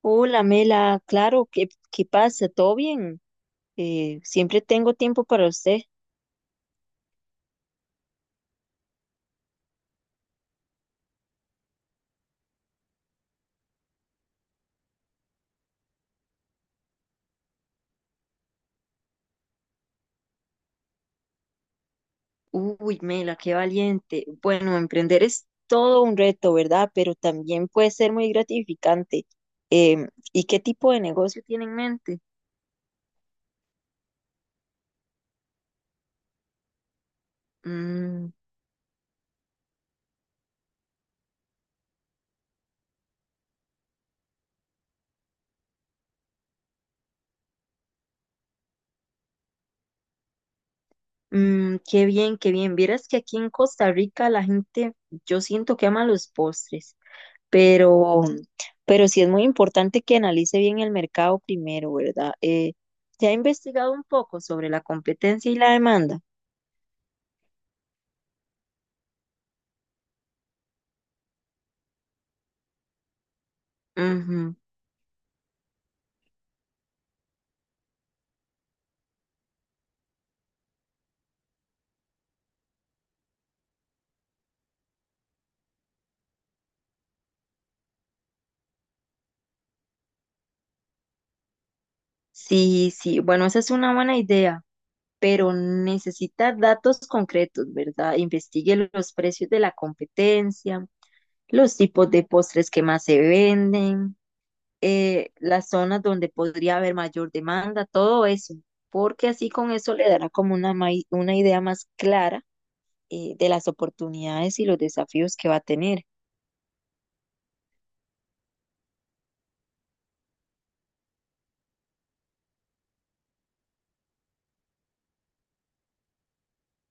Hola, Mela, claro, ¿qué, qué pasa? ¿Todo bien? Siempre tengo tiempo para usted. Uy, Mela, qué valiente. Bueno, emprender es todo un reto, ¿verdad? Pero también puede ser muy gratificante. ¿Y qué tipo de negocio tiene en mente? Mm, qué bien, qué bien. Vieras que aquí en Costa Rica la gente, yo siento que ama los postres, pero, pero sí es muy importante que analice bien el mercado primero, ¿verdad? ¿Se ha investigado un poco sobre la competencia y la demanda? Ujú. Sí, sí, bueno, esa es una buena idea, pero necesita datos concretos, ¿verdad? Investigue los precios de la competencia, los tipos de postres que más se venden, las zonas donde podría haber mayor demanda, todo eso, porque así con eso le dará como una, una idea más clara de las oportunidades y los desafíos que va a tener.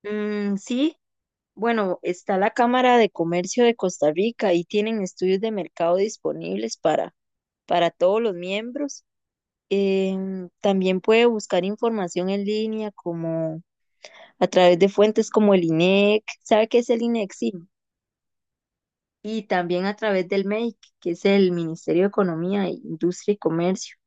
Mm, sí, bueno, está la Cámara de Comercio de Costa Rica y tienen estudios de mercado disponibles para todos los miembros. También puede buscar información en línea como a través de fuentes como el INEC. ¿Sabe qué es el INEC? Sí. Y también a través del MEIC, que es el Ministerio de Economía, Industria y Comercio.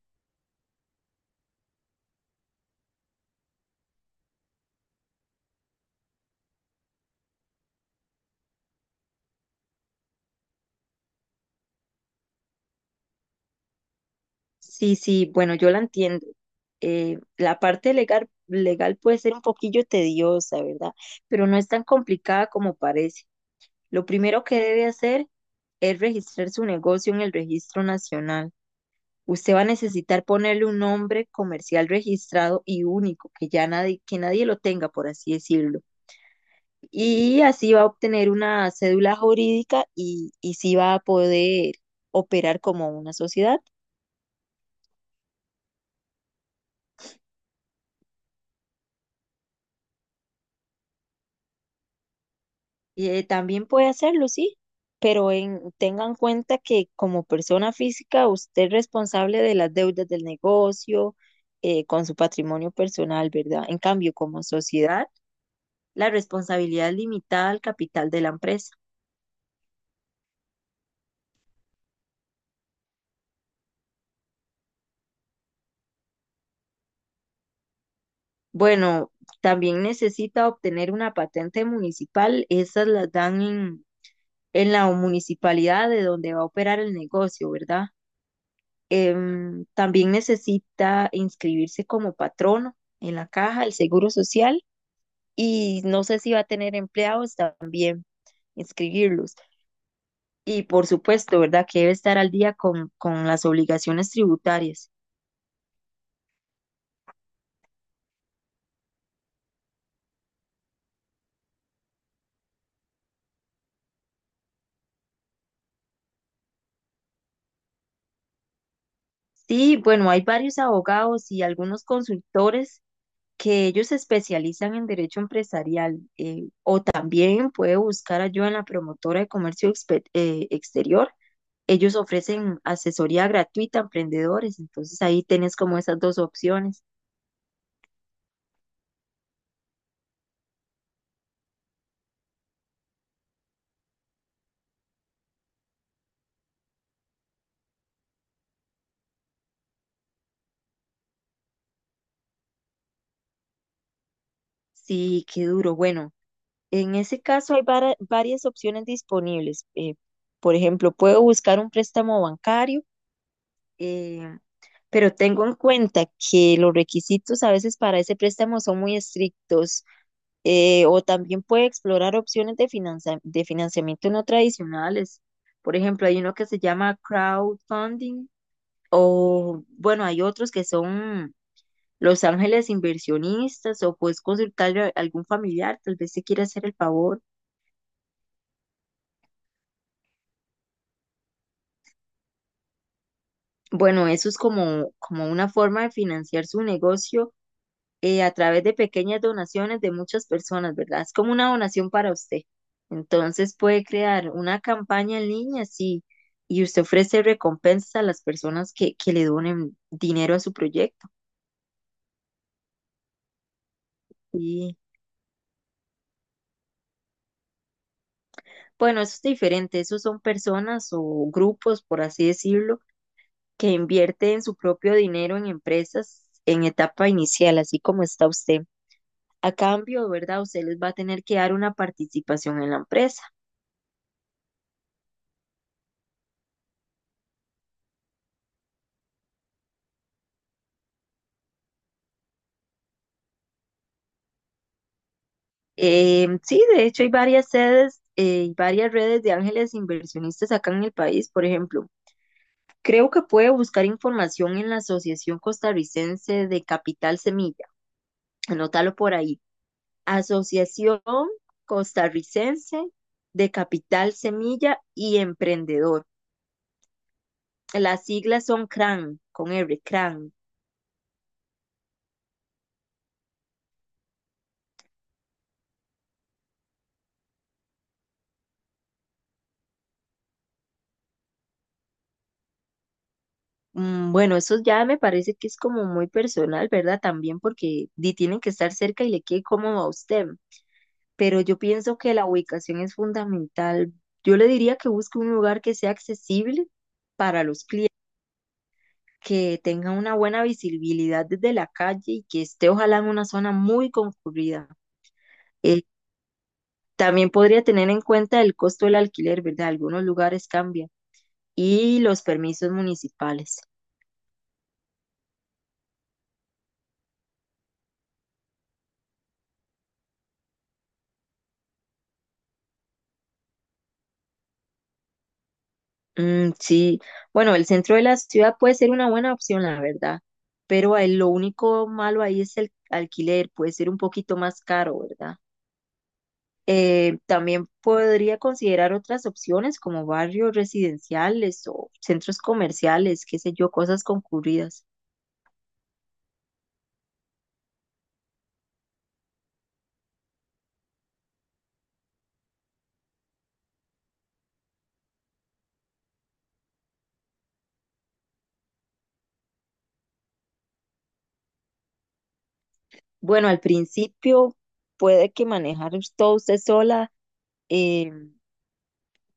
Sí, sí, bueno, yo la entiendo. La parte legal puede ser un poquillo tediosa, ¿verdad? Pero no es tan complicada como parece. Lo primero que debe hacer es registrar su negocio en el Registro Nacional. Usted va a necesitar ponerle un nombre comercial registrado y único, que nadie lo tenga, por así decirlo. Y así va a obtener una cédula jurídica y sí va a poder operar como una sociedad. También puede hacerlo, sí, pero tenga en cuenta que como persona física usted es responsable de las deudas del negocio, con su patrimonio personal, ¿verdad? En cambio, como sociedad, la responsabilidad es limitada al capital de la empresa. Bueno, también necesita obtener una patente municipal, esas las dan en la municipalidad de donde va a operar el negocio, ¿verdad? También necesita inscribirse como patrono en la caja del Seguro Social y no sé si va a tener empleados, también inscribirlos. Y por supuesto, ¿verdad? Que debe estar al día con las obligaciones tributarias. Sí, bueno, hay varios abogados y algunos consultores que ellos se especializan en derecho empresarial. También puede buscar ayuda en la Promotora de Comercio Exterior. Ellos ofrecen asesoría gratuita a emprendedores, entonces ahí tenés como esas dos opciones. Sí, qué duro. Bueno, en ese caso hay varias opciones disponibles. Por ejemplo, puedo buscar un préstamo bancario, eh, pero tengo en cuenta que los requisitos a veces para ese préstamo son muy estrictos. O también puede explorar opciones de de financiamiento no tradicionales. Por ejemplo, hay uno que se llama crowdfunding. O bueno, hay otros que son los ángeles inversionistas, o puedes consultarle a algún familiar, tal vez se quiera hacer el favor. Bueno, eso es como una forma de financiar su negocio a través de pequeñas donaciones de muchas personas, ¿verdad? Es como una donación para usted. Entonces puede crear una campaña en línea, sí, y usted ofrece recompensas a las personas que le donen dinero a su proyecto. Bueno, eso es diferente. Esos son personas o grupos, por así decirlo, que invierten su propio dinero en empresas en etapa inicial, así como está usted. A cambio, ¿verdad? Usted les va a tener que dar una participación en la empresa. Sí, de hecho hay varias sedes y varias redes de ángeles inversionistas acá en el país, por ejemplo. Creo que puede buscar información en la Asociación Costarricense de Capital Semilla. Anótalo por ahí. Asociación Costarricense de Capital Semilla y Emprendedor. Las siglas son CRAN, con R, CRAN. Mm, bueno, eso ya me parece que es como muy personal, ¿verdad? También porque di, tienen que estar cerca y le quede cómodo a usted. Pero yo pienso que la ubicación es fundamental. Yo le diría que busque un lugar que sea accesible para los clientes, que tenga una buena visibilidad desde la calle y que esté ojalá en una zona muy concurrida. También podría tener en cuenta el costo del alquiler, ¿verdad? Algunos lugares cambian. Y los permisos municipales. Mm, sí, bueno, el centro de la ciudad puede ser una buena opción, la verdad. Pero ahí lo único malo ahí es el alquiler, puede ser un poquito más caro, ¿verdad? También podría considerar otras opciones como barrios residenciales o centros comerciales, qué sé yo, cosas concurridas. Bueno, al principio puede que manejar todo usted sola, eh,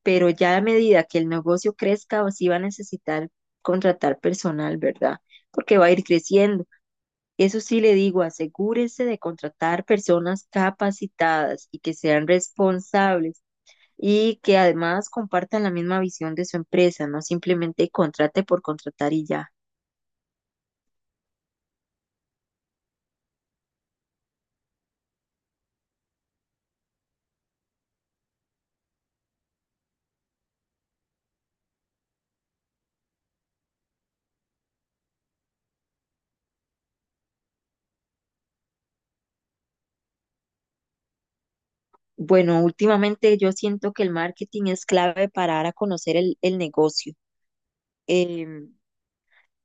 pero ya a medida que el negocio crezca, sí va a necesitar contratar personal, ¿verdad? Porque va a ir creciendo. Eso sí le digo, asegúrese de contratar personas capacitadas y que sean responsables y que además compartan la misma visión de su empresa, no simplemente contrate por contratar y ya. Bueno, últimamente yo siento que el marketing es clave para dar a conocer el negocio. Em,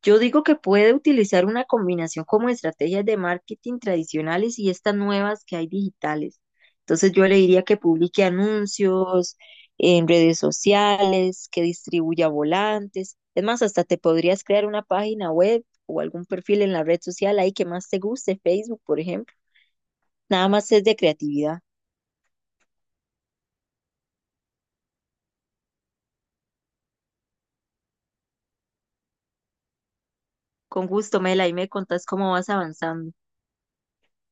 Yo digo que puede utilizar una combinación como estrategias de marketing tradicionales y estas nuevas que hay digitales. Entonces yo le diría que publique anuncios en redes sociales, que distribuya volantes. Es más, hasta te podrías crear una página web o algún perfil en la red social ahí que más te guste, Facebook, por ejemplo. Nada más es de creatividad. Con gusto, Mela, y me contás cómo vas avanzando.